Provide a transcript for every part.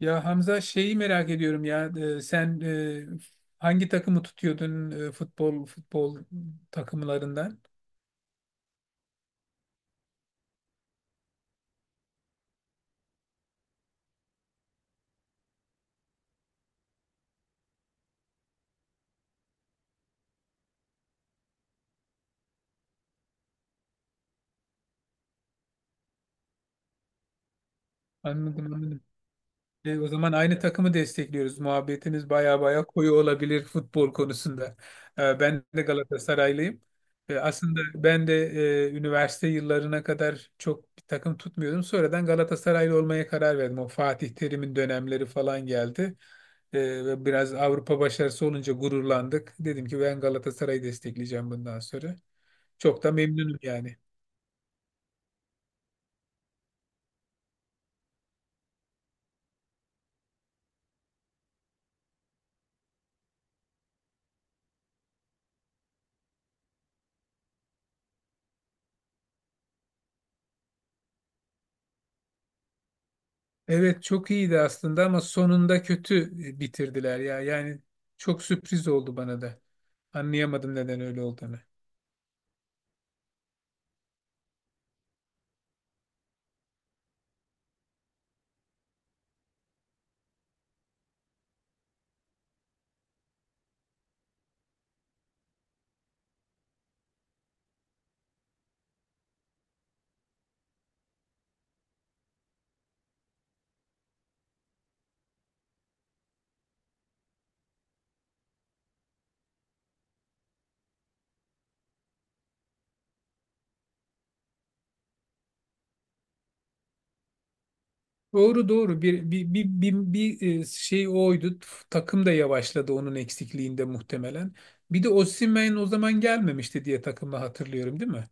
Ya Hamza, şeyi merak ediyorum ya, sen hangi takımı tutuyordun futbol takımlarından? Anladım, anladım. O zaman aynı takımı destekliyoruz. Muhabbetiniz baya baya koyu olabilir futbol konusunda. Ben de Galatasaraylıyım. Aslında ben de üniversite yıllarına kadar çok bir takım tutmuyordum. Sonradan Galatasaraylı olmaya karar verdim. O Fatih Terim'in dönemleri falan geldi. E, ve biraz Avrupa başarısı olunca gururlandık. Dedim ki ben Galatasaray'ı destekleyeceğim bundan sonra. Çok da memnunum yani. Evet, çok iyiydi aslında ama sonunda kötü bitirdiler ya. Yani çok sürpriz oldu bana da. Anlayamadım neden öyle olduğunu. Doğru doğru, bir şey oydu. Takım da yavaşladı onun eksikliğinde muhtemelen. Bir de Osimhen o zaman gelmemişti diye takımı hatırlıyorum, değil mi?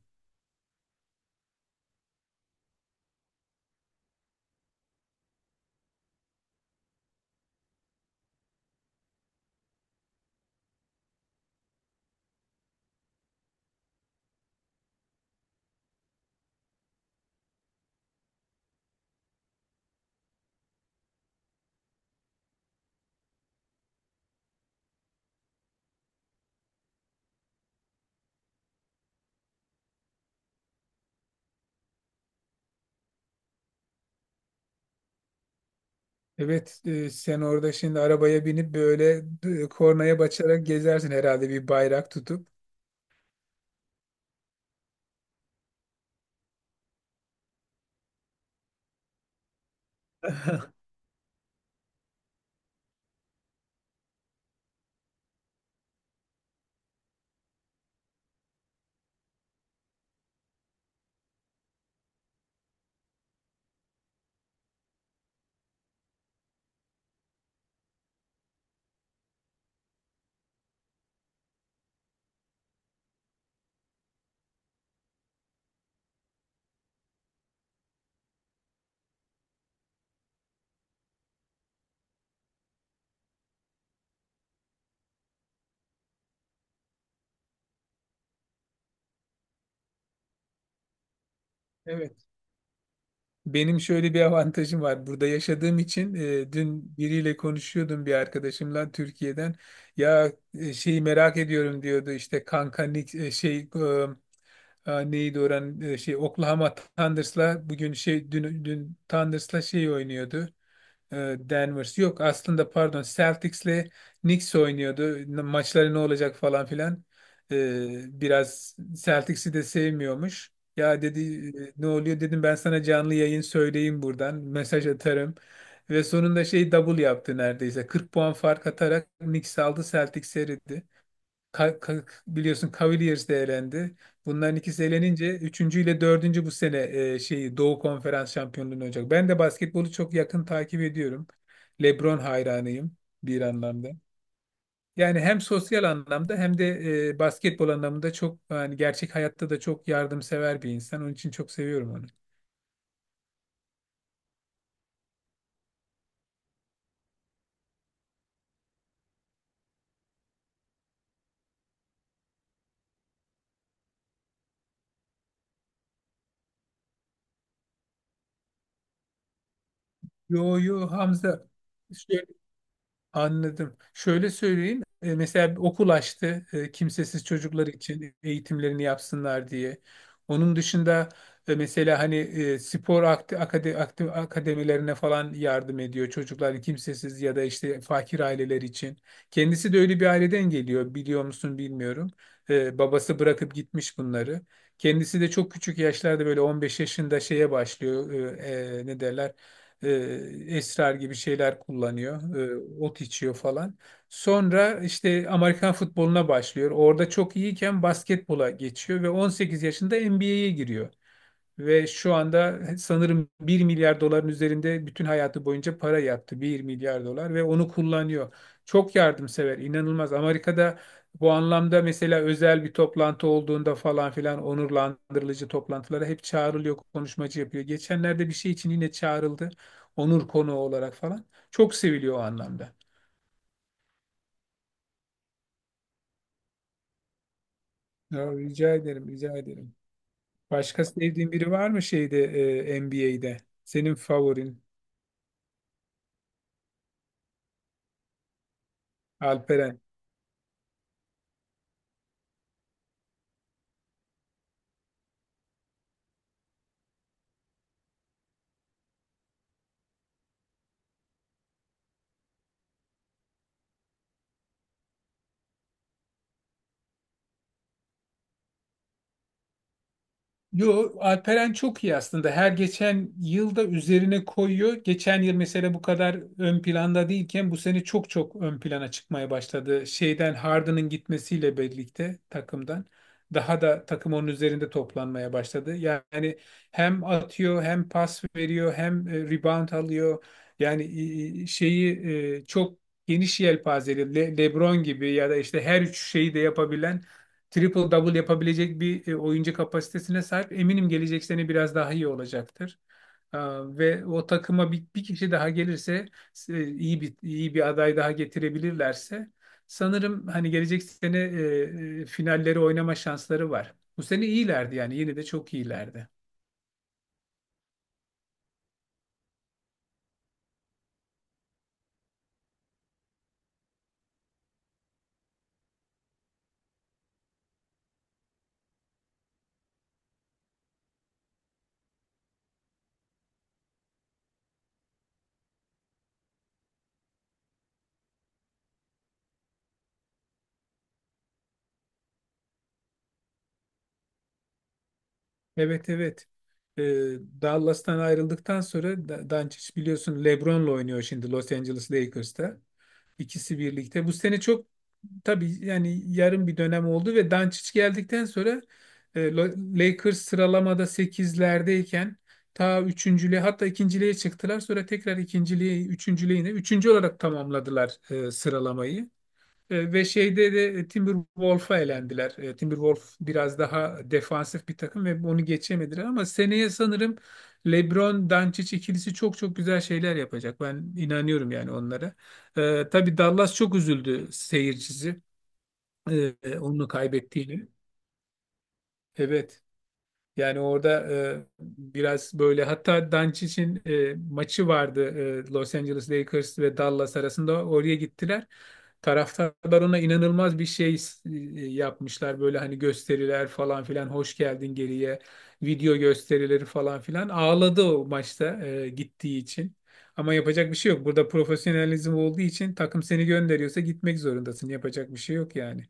Evet, sen orada şimdi arabaya binip böyle kornaya basarak gezersin herhalde bir bayrak tutup. Evet. Benim şöyle bir avantajım var. Burada yaşadığım için dün biriyle konuşuyordum bir arkadaşımla Türkiye'den. Ya, şeyi merak ediyorum diyordu işte kanka, şey, neydi oran, şey Oklahoma Thunders'la bugün şey dün Thunders'la şey oynuyordu, Denvers, yok aslında pardon, Celtics'le Knicks oynuyordu. Maçları ne olacak falan filan. Biraz Celtics'i de sevmiyormuş. Ya dedi, ne oluyor, dedim, ben sana canlı yayın söyleyeyim buradan mesaj atarım. Ve sonunda şey double yaptı neredeyse. 40 puan fark atarak Knicks aldı, Celtics eridi. Biliyorsun Cavaliers de elendi. Bunların ikisi elenince üçüncü ile dördüncü bu sene şeyi Doğu Konferans şampiyonluğunu olacak. Ben de basketbolu çok yakın takip ediyorum. LeBron hayranıyım bir anlamda. Yani hem sosyal anlamda hem de basketbol anlamında çok, yani gerçek hayatta da çok yardımsever bir insan. Onun için çok seviyorum onu. Yo yo Hamza. Anladım. Şöyle söyleyeyim. Mesela bir okul açtı, kimsesiz çocuklar için eğitimlerini yapsınlar diye. Onun dışında mesela hani spor akademilerine falan yardım ediyor. Çocuklar kimsesiz ya da işte fakir aileler için. Kendisi de öyle bir aileden geliyor. Biliyor musun, bilmiyorum. Babası bırakıp gitmiş bunları. Kendisi de çok küçük yaşlarda böyle 15 yaşında şeye başlıyor. E, Ne derler? e, esrar gibi şeyler kullanıyor, ot içiyor falan. Sonra işte Amerikan futboluna başlıyor. Orada çok iyiyken basketbola geçiyor ve 18 yaşında NBA'ye giriyor. Ve şu anda sanırım 1 milyar doların üzerinde bütün hayatı boyunca para yaptı. 1 milyar dolar ve onu kullanıyor. Çok yardımsever, inanılmaz. Amerika'da bu anlamda mesela özel bir toplantı olduğunda falan filan onurlandırıcı toplantılara hep çağrılıyor, konuşmacı yapıyor. Geçenlerde bir şey için yine çağrıldı. Onur konuğu olarak falan. Çok seviliyor o anlamda. Ya, rica ederim, rica ederim. Başka sevdiğin biri var mı şeyde, NBA'de? Senin favorin, Alperen? Yo, Alperen çok iyi aslında. Her geçen yılda üzerine koyuyor. Geçen yıl mesela bu kadar ön planda değilken bu sene çok çok ön plana çıkmaya başladı. Şeyden Harden'ın gitmesiyle birlikte takımdan daha da takım onun üzerinde toplanmaya başladı. Yani hem atıyor, hem pas veriyor, hem rebound alıyor. Yani şeyi, çok geniş yelpazeli, LeBron gibi ya da işte her üç şeyi de yapabilen, triple double yapabilecek bir oyuncu kapasitesine sahip. Eminim gelecek sene biraz daha iyi olacaktır. Ve o takıma bir kişi daha gelirse, iyi bir aday daha getirebilirlerse sanırım hani gelecek sene finalleri oynama şansları var. Bu sene iyilerdi, yani yine de çok iyilerdi. Evet, evet. Ee, Dallas'tan ayrıldıktan sonra Doncic biliyorsun LeBron'la oynuyor şimdi Los Angeles Lakers'ta. İkisi birlikte. Bu sene çok, tabii yani yarım bir dönem oldu ve Doncic geldikten sonra Lakers sıralamada sekizlerdeyken, ta üçüncülüğe, hatta ikinciliğe çıktılar. Sonra tekrar ikinciliğe, üçüncülüğe, yine üçüncü olarak tamamladılar sıralamayı. Ve şeyde de Timberwolf'a elendiler. Timberwolf biraz daha defansif bir takım ve onu geçemediler ama seneye sanırım LeBron Doncic ikilisi çok çok güzel şeyler yapacak. Ben inanıyorum yani onlara. Tabii Dallas çok üzüldü seyircisi e, onu kaybettiğini. Evet. Yani orada biraz böyle, hatta Doncic'in maçı vardı, Los Angeles Lakers ve Dallas arasında, oraya gittiler. Taraftarlar ona inanılmaz bir şey e, yapmışlar, böyle hani gösteriler falan filan, hoş geldin, geriye video gösterileri falan filan, ağladı o maçta gittiği için. Ama yapacak bir şey yok. Burada profesyonelizm olduğu için takım seni gönderiyorsa gitmek zorundasın. Yapacak bir şey yok yani.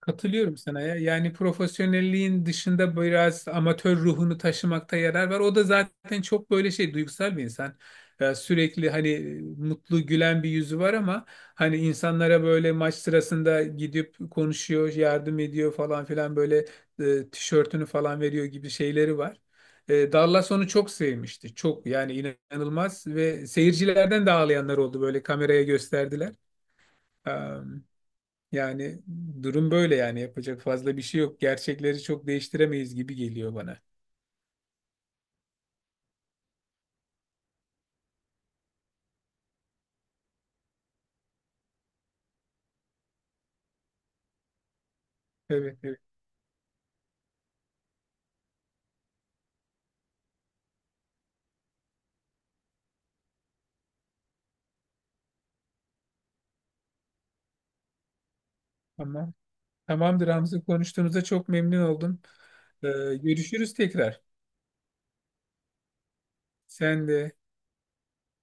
Katılıyorum sana ya. Yani profesyonelliğin dışında biraz amatör ruhunu taşımakta yarar var. O da zaten çok böyle şey, duygusal bir insan. Ya sürekli hani mutlu gülen bir yüzü var ama hani insanlara böyle maç sırasında gidip konuşuyor, yardım ediyor falan filan, böyle tişörtünü falan veriyor gibi şeyleri var. Dallas onu çok sevmişti. Çok yani inanılmaz ve seyircilerden de ağlayanlar oldu, böyle kameraya gösterdiler. Yani durum böyle yani, yapacak fazla bir şey yok. Gerçekleri çok değiştiremeyiz gibi geliyor bana. Evet, evet. Tamam. Tamamdır Hamza. Konuştuğumuza çok memnun oldum. Ee, Görüşürüz tekrar. Sen de.